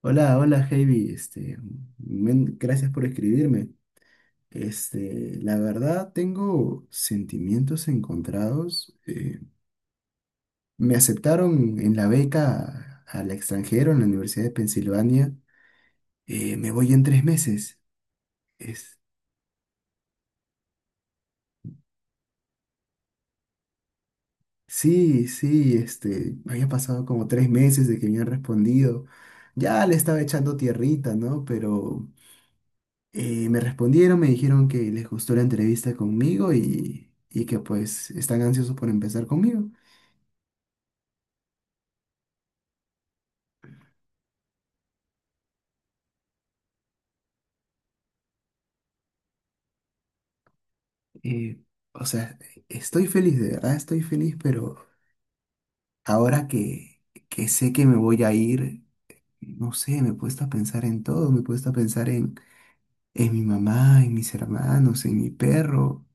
Hola, hola, Heidi. Este, gracias por escribirme. Este, la verdad, tengo sentimientos encontrados. Me aceptaron en la beca al extranjero en la Universidad de Pensilvania. Me voy en 3 meses. Es, sí, sí, este, había pasado como 3 meses de que me han respondido. Ya le estaba echando tierrita, ¿no? Y me respondieron, me dijeron que les gustó la entrevista conmigo y que pues están ansiosos por empezar conmigo. Eh, o sea, estoy feliz, de verdad estoy feliz, pero ahora que sé que me voy a ir, no sé, me he puesto a pensar en todo, me he puesto a pensar en mi mamá, en mis hermanos, en mi perro.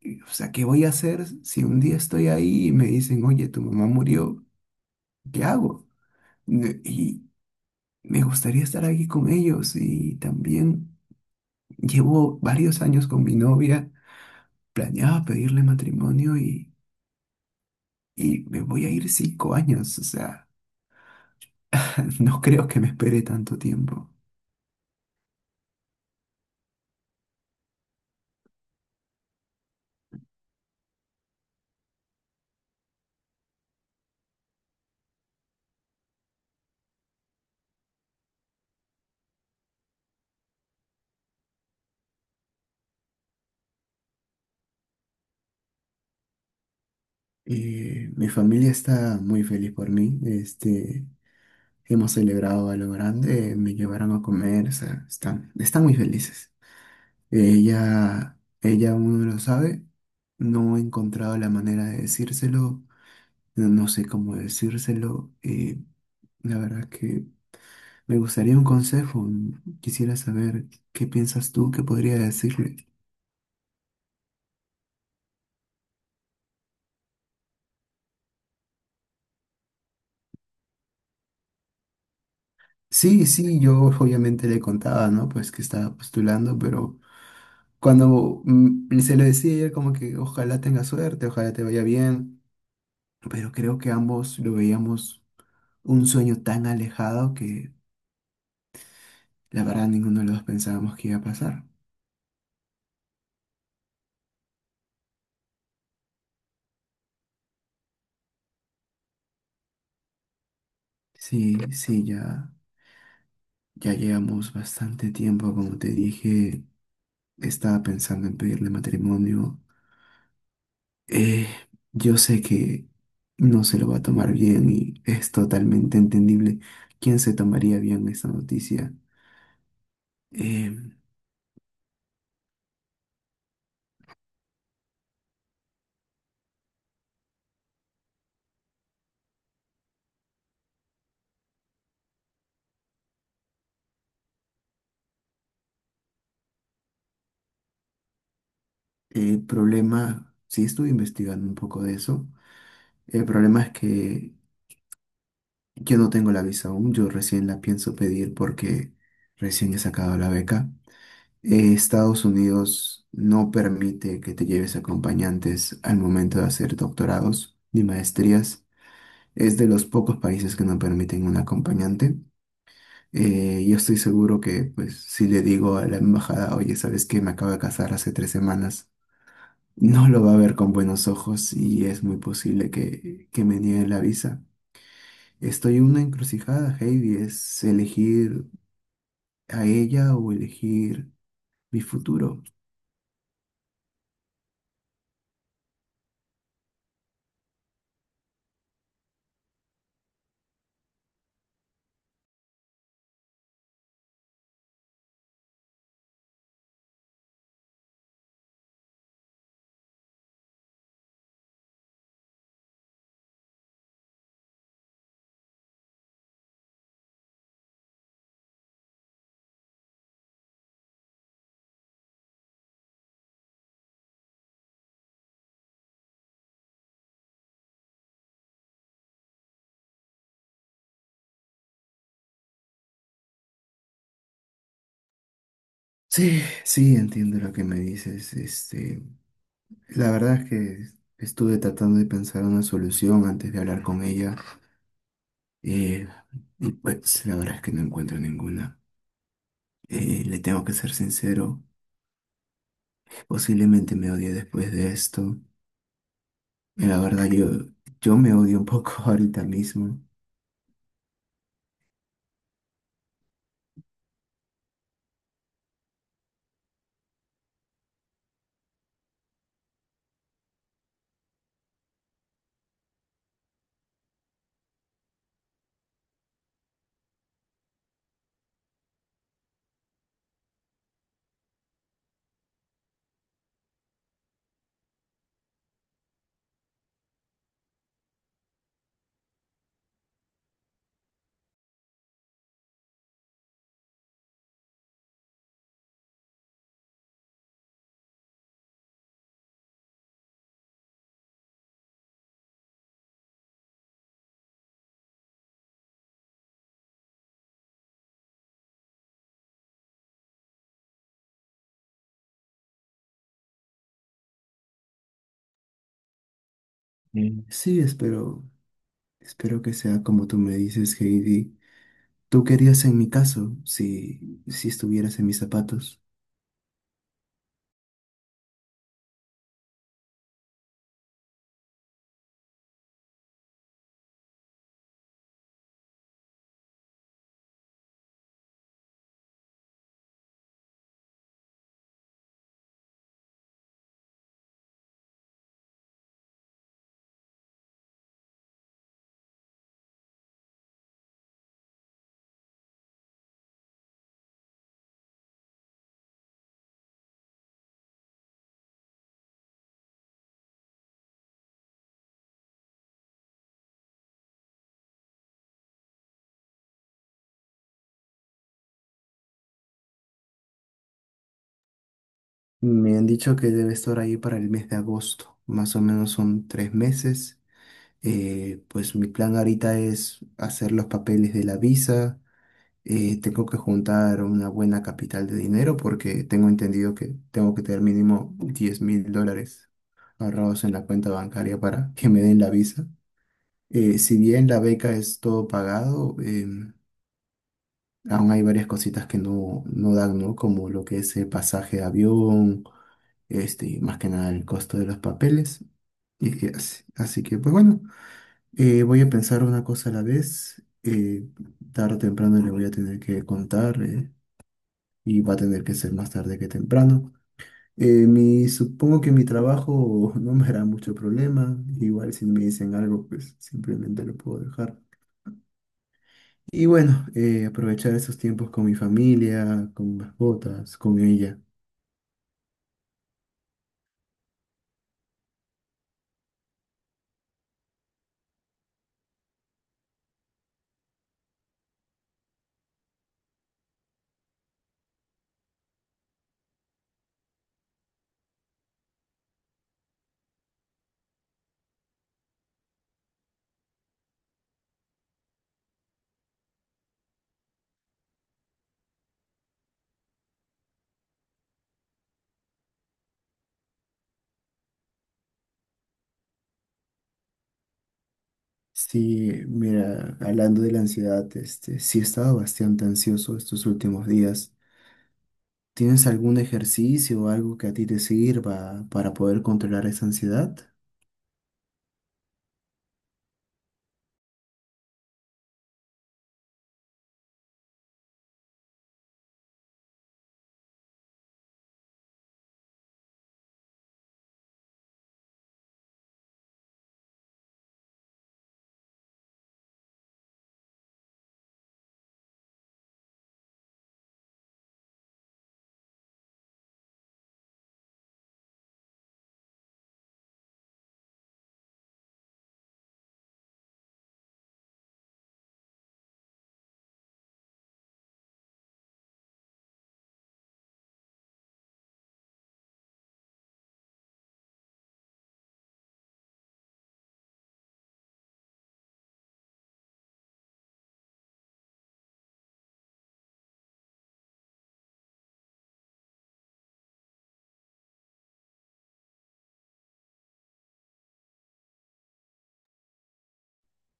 O sea, ¿qué voy a hacer si un día estoy ahí y me dicen, oye, tu mamá murió? ¿Qué hago? Y me gustaría estar aquí con ellos y también... Llevo varios años con mi novia, planeaba pedirle matrimonio y me voy a ir 5 años, o sea, no creo que me espere tanto tiempo. Mi familia está muy feliz por mí, este, hemos celebrado a lo grande, me llevaron a comer, o sea, están muy felices. Ella, ella uno lo sabe, no he encontrado la manera de decírselo, no, no sé cómo decírselo, la verdad que me gustaría un consejo. Quisiera saber qué piensas tú, qué podría decirle. Sí, sí, yo obviamente le contaba, ¿no? Pues que estaba postulando, pero cuando se lo decía ella como que ojalá tenga suerte, ojalá te vaya bien, pero creo que ambos lo veíamos un sueño tan alejado que la verdad ninguno de los dos pensábamos que iba a pasar. Sí, sí, ya, ya llevamos bastante tiempo, como te dije, estaba pensando en pedirle matrimonio. Eh, yo sé que no se lo va a tomar bien y es totalmente entendible quién se tomaría bien esta noticia. Eh, el problema, sí estuve investigando un poco de eso, el problema es que yo no tengo la visa aún, yo recién la pienso pedir porque recién he sacado la beca. Estados Unidos no permite que te lleves acompañantes al momento de hacer doctorados ni maestrías. Es de los pocos países que no permiten un acompañante. Yo estoy seguro que, pues, si le digo a la embajada, oye, ¿sabes qué? Me acabo de casar hace 3 semanas, no lo va a ver con buenos ojos y es muy posible que me nieguen la visa. Estoy en una encrucijada, Heidi, es elegir a ella o elegir mi futuro. Sí, sí, entiendo lo que me dices. Este, la verdad es que estuve tratando de pensar una solución antes de hablar con ella. eh, y pues la verdad es que no encuentro ninguna. Le tengo que ser sincero, posiblemente me odie después de esto. La verdad, yo me odio un poco ahorita mismo. Mm. Sí, espero, espero que sea como tú me dices, Heidi. ¿Tú querías en mi caso si, si estuvieras en mis zapatos? Me han dicho que debe estar ahí para el mes de agosto, más o menos son 3 meses. Pues mi plan ahorita es hacer los papeles de la visa tengo que juntar una buena capital de dinero porque tengo entendido que tengo que tener mínimo $10,000 ahorrados en la cuenta bancaria para que me den la visa. Si bien la beca es todo pagado, aún hay varias cositas que no, no dan, ¿no? Como lo que es el pasaje de avión, este, y más que nada el costo de los papeles. Y que así, así que, pues bueno, voy a pensar una cosa a la vez. Tarde o temprano le voy a tener que contar. Y va a tener que ser más tarde que temprano. Mi, supongo que mi trabajo no me hará mucho problema, igual si me dicen algo, pues simplemente lo puedo dejar. Y bueno, aprovechar esos tiempos con mi familia, con mascotas, con ella. Sí, mira, hablando de la ansiedad, este, sí he estado bastante ansioso estos últimos días. ¿Tienes algún ejercicio o algo que a ti te sirva para poder controlar esa ansiedad?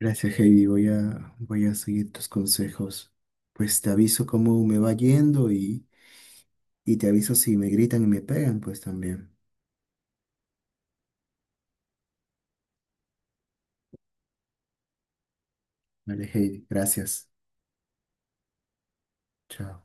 Gracias, Heidi. Voy a seguir tus consejos. Pues te aviso cómo me va yendo y te aviso si me gritan y me pegan, pues también. Vale, Heidi. Gracias. Chao.